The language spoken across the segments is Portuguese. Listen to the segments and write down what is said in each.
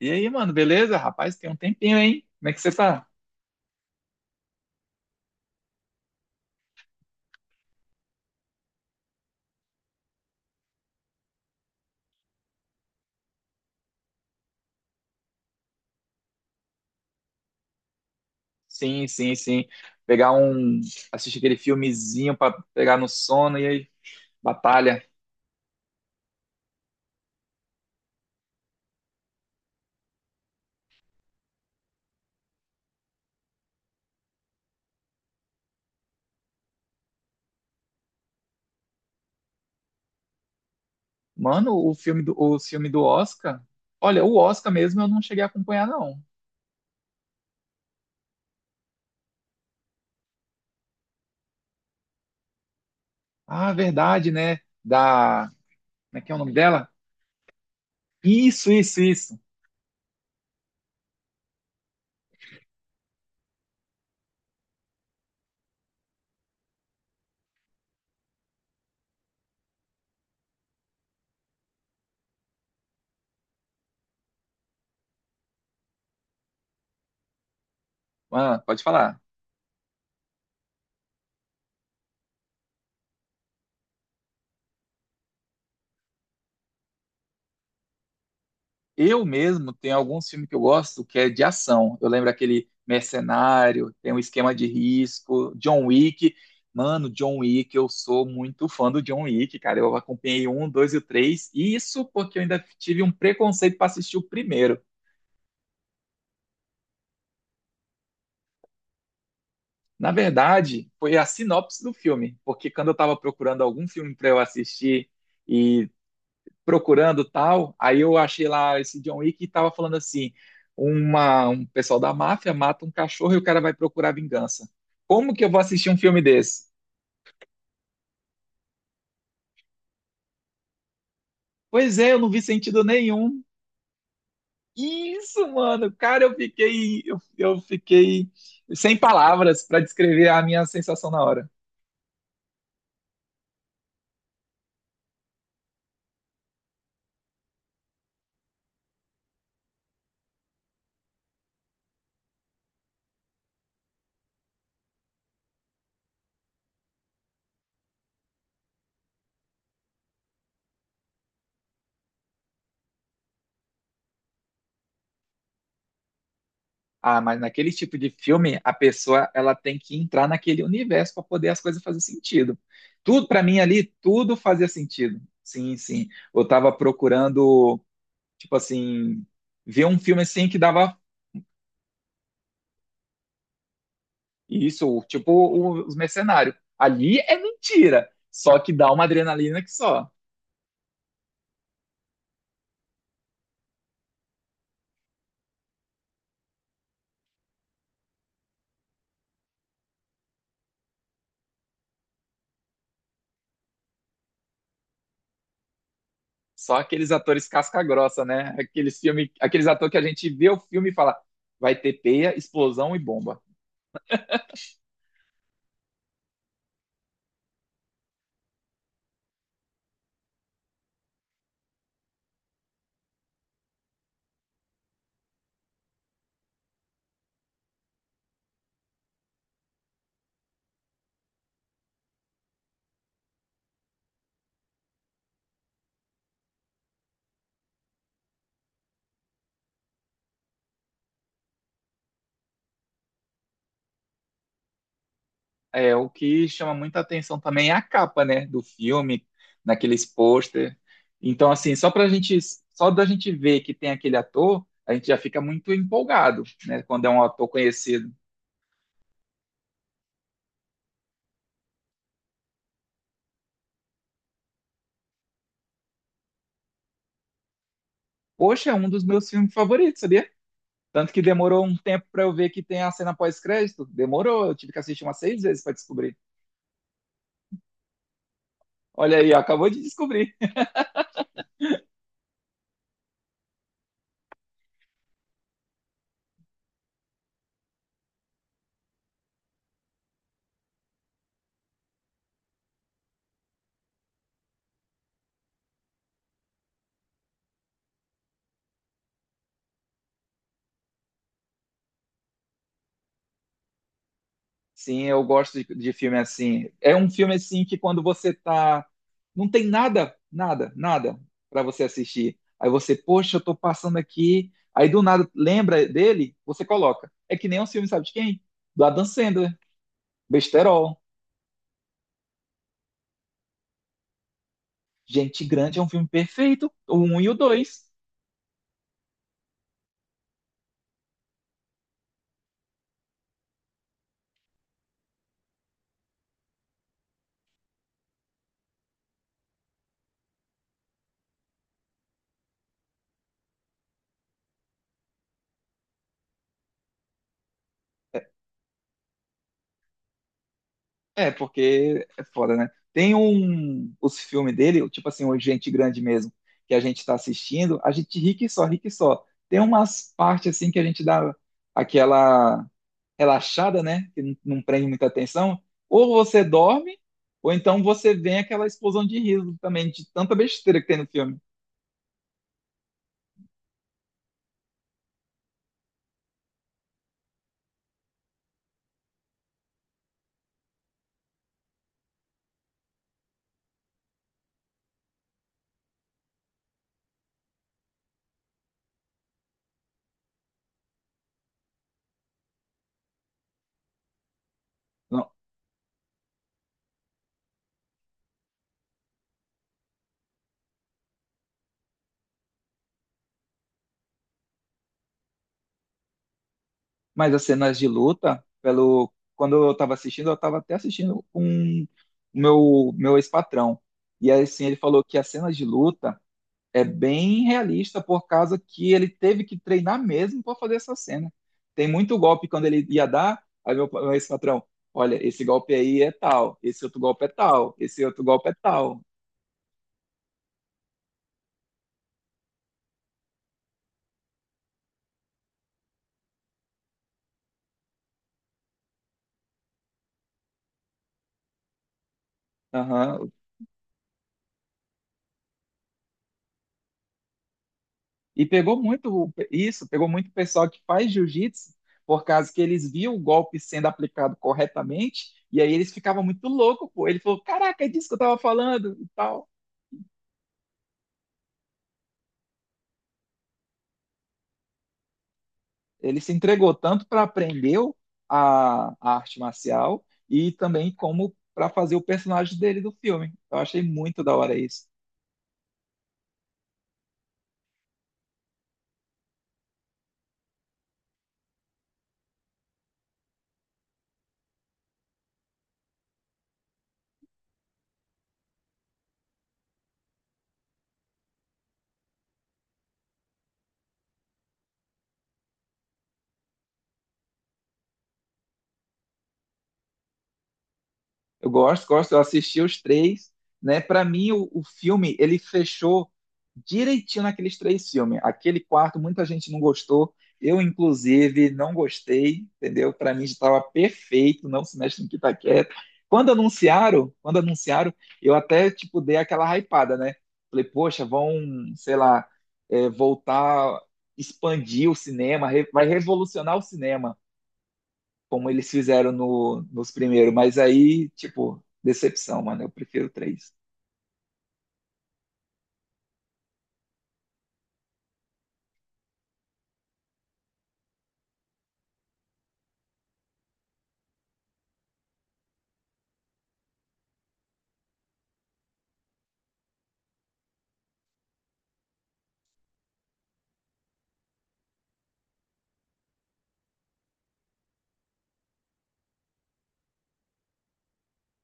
E aí, mano, beleza? Rapaz, tem um tempinho, hein? Como é que você tá? Sim, sim, sim. Pegar um. Assistir aquele filmezinho pra pegar no sono e aí, batalha. Mano, o filme do Oscar. Olha, o Oscar mesmo eu não cheguei a acompanhar, não. Ah, verdade, né? Da. Como é que é o nome dela? Isso, isso, isso. Mano, pode falar. Eu mesmo tenho alguns filmes que eu gosto que é de ação. Eu lembro aquele Mercenário, tem um esquema de risco, John Wick. Mano, John Wick, eu sou muito fã do John Wick, cara. Eu acompanhei um, dois e o três. E isso porque eu ainda tive um preconceito para assistir o primeiro. Na verdade, foi a sinopse do filme, porque quando eu estava procurando algum filme para eu assistir e procurando tal. Aí eu achei lá esse John Wick e tava falando assim: um pessoal da máfia mata um cachorro e o cara vai procurar vingança. Como que eu vou assistir um filme desse? Pois é, eu não vi sentido nenhum. Isso, mano, cara, eu fiquei sem palavras para descrever a minha sensação na hora. Ah, mas naquele tipo de filme, a pessoa ela tem que entrar naquele universo para poder as coisas fazer sentido. Tudo para mim ali, tudo fazia sentido. Sim, sim. Eu estava procurando. Tipo assim, ver um filme assim que dava isso, tipo os mercenários. Ali é mentira, só que dá uma adrenalina que só. Só aqueles atores casca-grossa, né? Aqueles filme, aqueles atores que a gente vê o filme e fala, vai ter peia, explosão e bomba. É, o que chama muita atenção também é a capa, né, do filme, naqueles pôster. Então, assim, só da gente ver que tem aquele ator, a gente já fica muito empolgado, né, quando é um ator conhecido. Poxa, é um dos meus filmes favoritos, sabia? Tanto que demorou um tempo pra eu ver que tem a cena pós-crédito. Demorou, eu tive que assistir umas seis vezes pra descobrir. Olha aí, ó, acabou de descobrir. Sim, eu gosto de filme assim. É um filme assim que quando você tá. Não tem nada, nada, nada pra você assistir. Aí você, poxa, eu tô passando aqui. Aí do nada lembra dele, você coloca. É que nem um filme, sabe de quem? Do Adam Sandler. Besterol. Gente Grande é um filme perfeito, o um e o dois. É, porque é foda, né? Tem um, os filmes dele, tipo assim, o Gente Grande mesmo, que a gente tá assistindo, a gente ri que só, ri que só. Tem umas partes assim que a gente dá aquela relaxada, né? Que não prende muita atenção. Ou você dorme, ou então você vem aquela explosão de riso também, de tanta besteira que tem no filme. Não, mas as cenas de luta, pelo, quando eu tava assistindo, eu tava até assistindo com o meu ex-patrão. E aí, assim, ele falou que as cenas de luta é bem realista por causa que ele teve que treinar mesmo para fazer essa cena. Tem muito golpe quando ele ia dar, aí meu ex-patrão, olha, esse golpe aí é tal, esse outro golpe é tal, esse outro golpe é tal. Aham. E pegou muito isso, pegou muito o pessoal que faz jiu-jitsu por causa que eles viam o golpe sendo aplicado corretamente e aí eles ficavam muito loucos, pô. Ele falou, caraca, é disso que eu tava falando e tal. Ele se entregou tanto para aprender a arte marcial e também como para fazer o personagem dele do filme. Eu achei muito da hora isso. Eu gosto, gosto. Eu assisti os três, né? Para mim, o filme ele fechou direitinho naqueles três filmes. Aquele quarto, muita gente não gostou. Eu, inclusive, não gostei, entendeu? Para mim estava perfeito, não se mexe no que tá quieto. Quando anunciaram, eu até tipo dei aquela hypada, né? Falei, poxa, vão, sei lá, é, voltar, expandir o cinema, vai revolucionar o cinema como eles fizeram no, nos primeiros, mas aí, tipo, decepção, mano, eu prefiro o 3.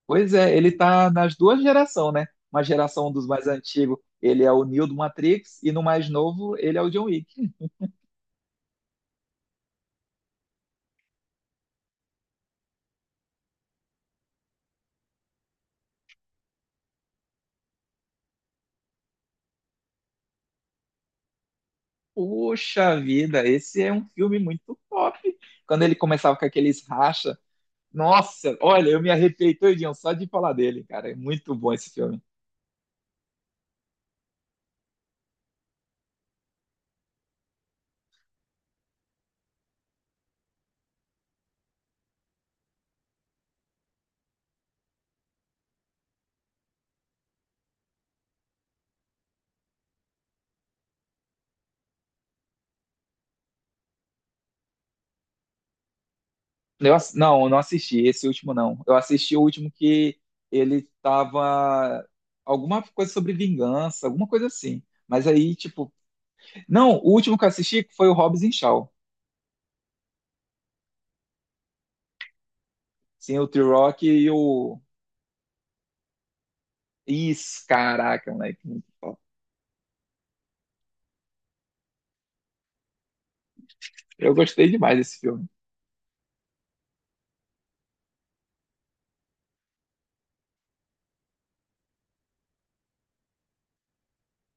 Pois é, ele tá nas duas gerações, né? Uma geração dos mais antigos, ele é o Neo do Matrix, e no mais novo, ele é o John Wick. Puxa vida, esse é um filme muito top. Quando ele começava com aqueles racha, nossa, olha, eu me arrepiei todinho só de falar dele, cara, é muito bom esse filme. Eu, não, eu não assisti, esse último não. Eu assisti o último que ele tava. Alguma coisa sobre vingança, alguma coisa assim. Mas aí, tipo. Não, o último que eu assisti foi o Hobbs e Shaw. Sim, o T-Rock e o. Isso, caraca, moleque. Muito top. Eu gostei demais desse filme.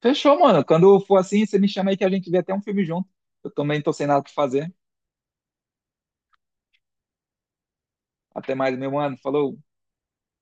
Fechou, mano. Quando for assim, você me chama aí que a gente vê até um filme junto. Eu também tô sem nada pra fazer. Até mais, meu mano. Falou.